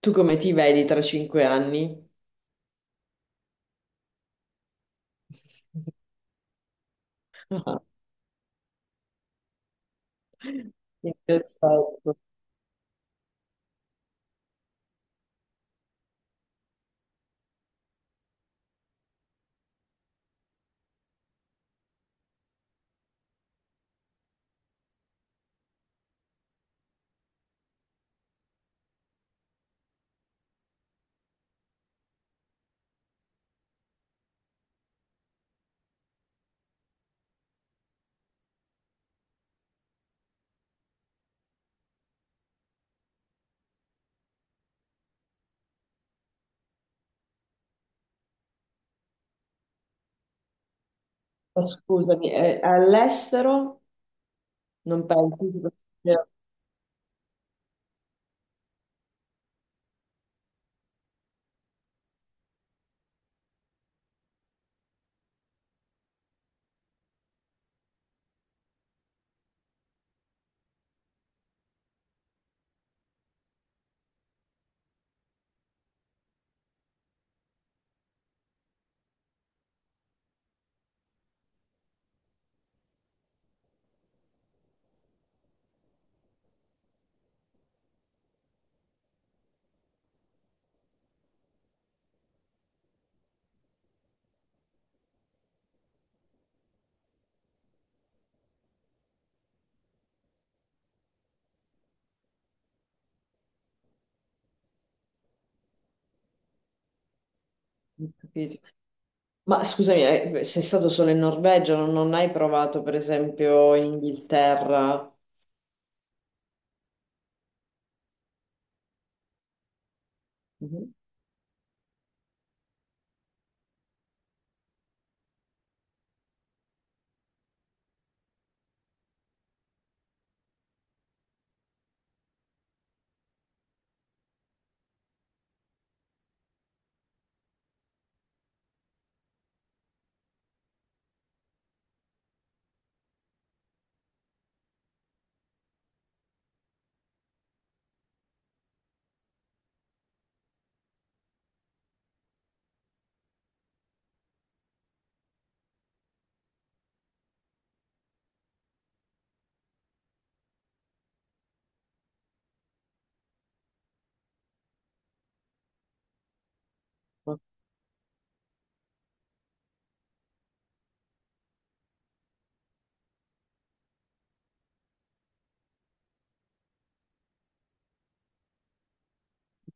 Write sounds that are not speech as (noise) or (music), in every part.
Tu come ti vedi tra 5 anni? (laughs) Ah, perfetto. Ma scusami, all'estero non pensi? Ho capito. Ma scusami, sei stato solo in Norvegia, non hai provato per esempio in Inghilterra? Mhm. Ho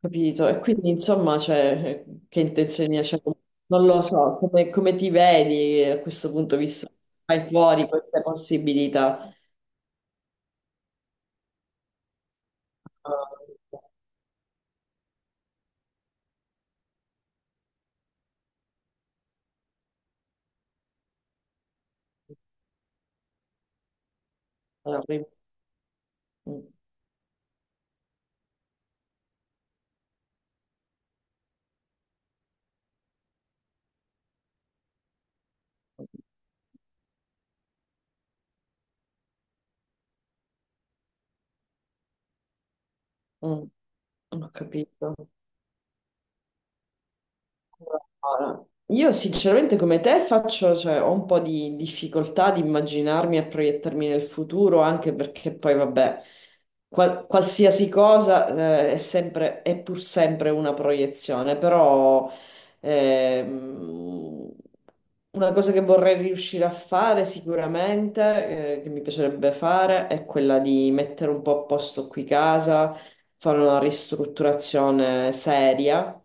capito. E quindi insomma, cioè, che intenzioni hai? Cioè, non lo so, come ti vedi a questo punto, visto che hai fuori queste possibilità? Ah, arrivo. Mm, ho capito. Allora, io sinceramente come te faccio, cioè, ho un po' di difficoltà di immaginarmi e proiettarmi nel futuro, anche perché poi vabbè, qualsiasi cosa, è sempre, è pur sempre una proiezione, però Ehm, una cosa che vorrei riuscire a fare sicuramente, che mi piacerebbe fare, è quella di mettere un po' a posto qui casa, fare una ristrutturazione seria.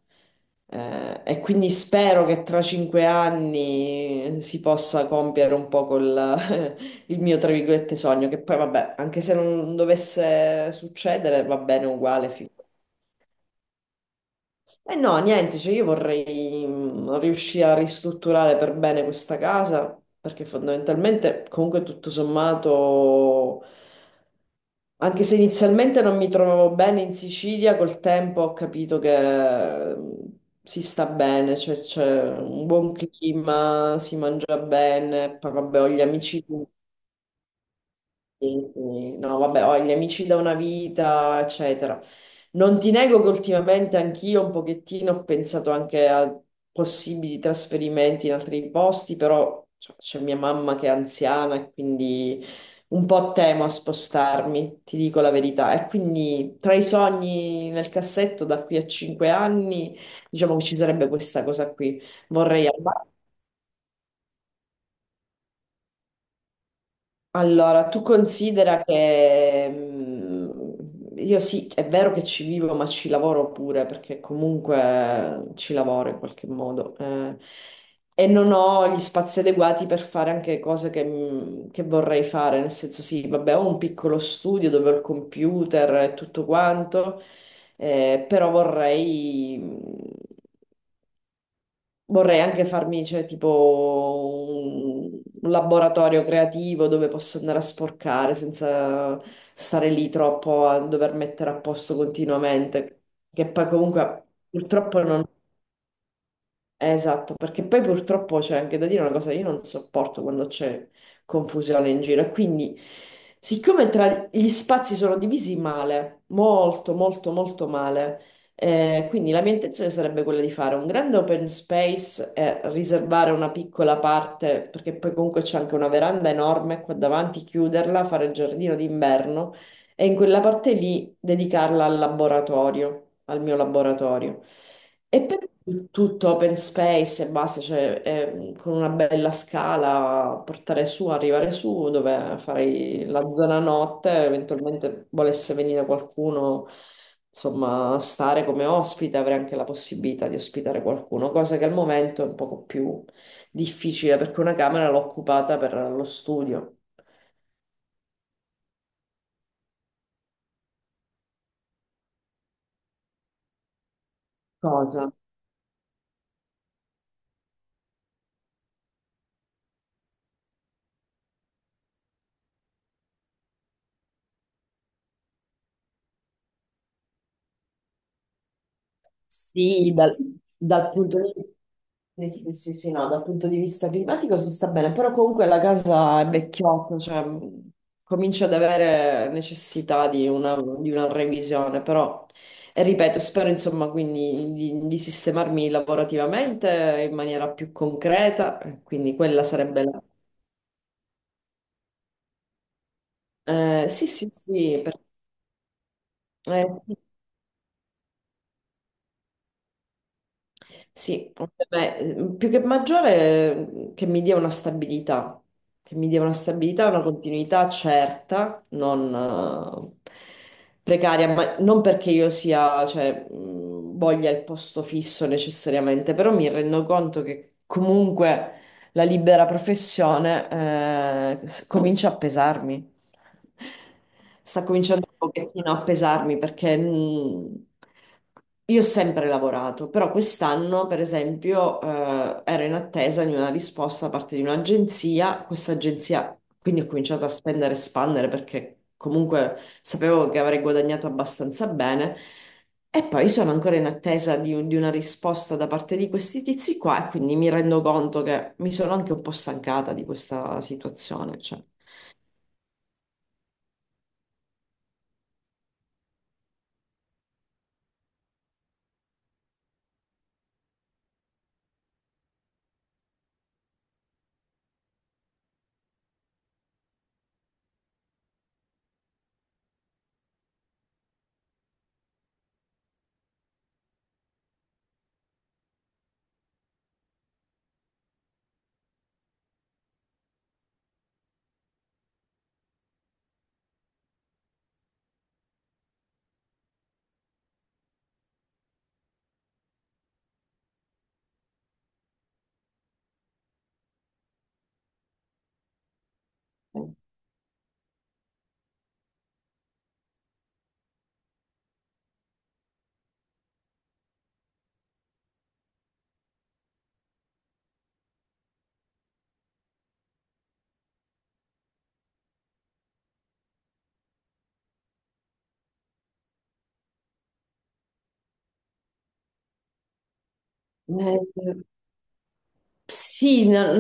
E quindi spero che tra 5 anni si possa compiere un po' col, (laughs) il mio, tra virgolette, sogno, che poi vabbè, anche se non dovesse succedere, va bene uguale. Figurati. E no, niente, cioè io vorrei riuscire a ristrutturare per bene questa casa, perché fondamentalmente comunque tutto sommato, anche se inizialmente non mi trovavo bene in Sicilia, col tempo ho capito che si sta bene, cioè c'è un buon clima, si mangia bene, poi vabbè ho gli amici. Sì, sì. No, vabbè, ho gli amici da una vita, eccetera. Non ti nego che ultimamente anch'io un pochettino ho pensato anche a possibili trasferimenti in altri posti, però cioè, c'è mia mamma che è anziana e quindi un po' temo a spostarmi, ti dico la verità. E quindi tra i sogni nel cassetto da qui a 5 anni, diciamo che ci sarebbe questa cosa qui. Vorrei al Allora, tu considera che io sì, è vero che ci vivo, ma ci lavoro pure, perché comunque ci lavoro in qualche modo. E non ho gli spazi adeguati per fare anche cose che vorrei fare, nel senso sì, vabbè, ho un piccolo studio dove ho il computer e tutto quanto, però Vorrei anche farmi, cioè, tipo un laboratorio creativo dove posso andare a sporcare senza stare lì troppo a dover mettere a posto continuamente, che poi comunque purtroppo non Esatto, perché poi purtroppo c'è anche da dire una cosa, io non sopporto quando c'è confusione in giro e quindi siccome tra gli spazi sono divisi male, molto molto molto male, quindi la mia intenzione sarebbe quella di fare un grande open space e riservare una piccola parte, perché poi comunque c'è anche una veranda enorme qua davanti, chiuderla, fare il giardino d'inverno e in quella parte lì dedicarla al laboratorio, al mio laboratorio. E per tutto open space e basta, cioè con una bella scala portare su, arrivare su, dove farei la zona notte, eventualmente volesse venire qualcuno, insomma, a stare come ospite, avrei anche la possibilità di ospitare qualcuno, cosa che al momento è un poco più difficile perché una camera l'ho occupata per lo studio. Cosa? Sì, dal punto di vista. Sì, sì, sì, no, dal punto di vista climatico si sta bene, però comunque la casa è vecchiotta, cioè comincia ad avere necessità di una revisione, però e ripeto, spero insomma quindi di sistemarmi lavorativamente in maniera più concreta, quindi quella sarebbe la. Sì, sì, sì, sì. Sì, beh, più che maggiore che mi dia una stabilità, che mi dia una stabilità, una continuità certa, non precaria, ma non perché io sia, cioè, voglia il posto fisso necessariamente, però mi rendo conto che comunque la libera professione comincia a pesarmi. Sta cominciando pochettino a pesarmi perché io ho sempre lavorato, però quest'anno, per esempio, ero in attesa di una risposta da parte di un'agenzia. Questa agenzia, quindi ho cominciato a spendere e spandere perché comunque sapevo che avrei guadagnato abbastanza bene. E poi sono ancora in attesa di una risposta da parte di questi tizi qua e quindi mi rendo conto che mi sono anche un po' stancata di questa situazione. Cioè. Eh, Sì,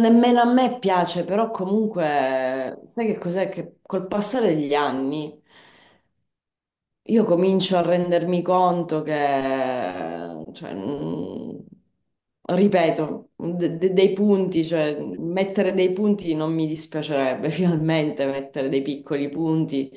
nemmeno a me piace, però comunque sai che cos'è? Che col passare degli anni io comincio a rendermi conto che, cioè, ripeto, dei punti, cioè mettere dei punti non mi dispiacerebbe, (laughs) finalmente mettere dei piccoli punti,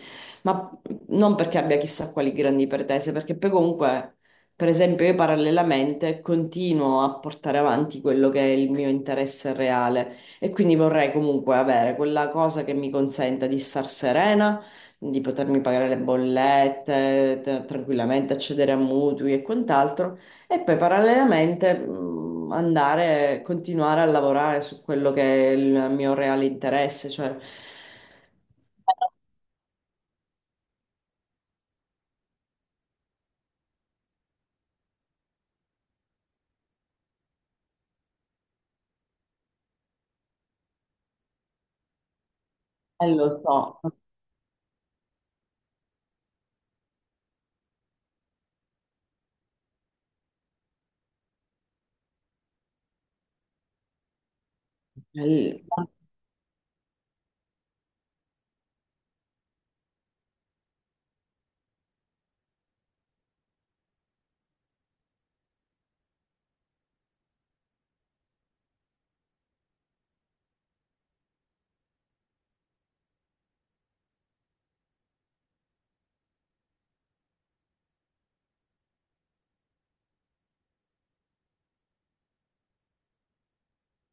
ma non perché abbia chissà quali grandi pretese, perché poi comunque, per esempio, io parallelamente continuo a portare avanti quello che è il mio interesse reale e quindi vorrei comunque avere quella cosa che mi consenta di star serena di potermi pagare le bollette, tranquillamente accedere a mutui e quant'altro, e poi parallelamente andare, continuare a lavorare su quello che è il mio reale interesse, cioè, lo so,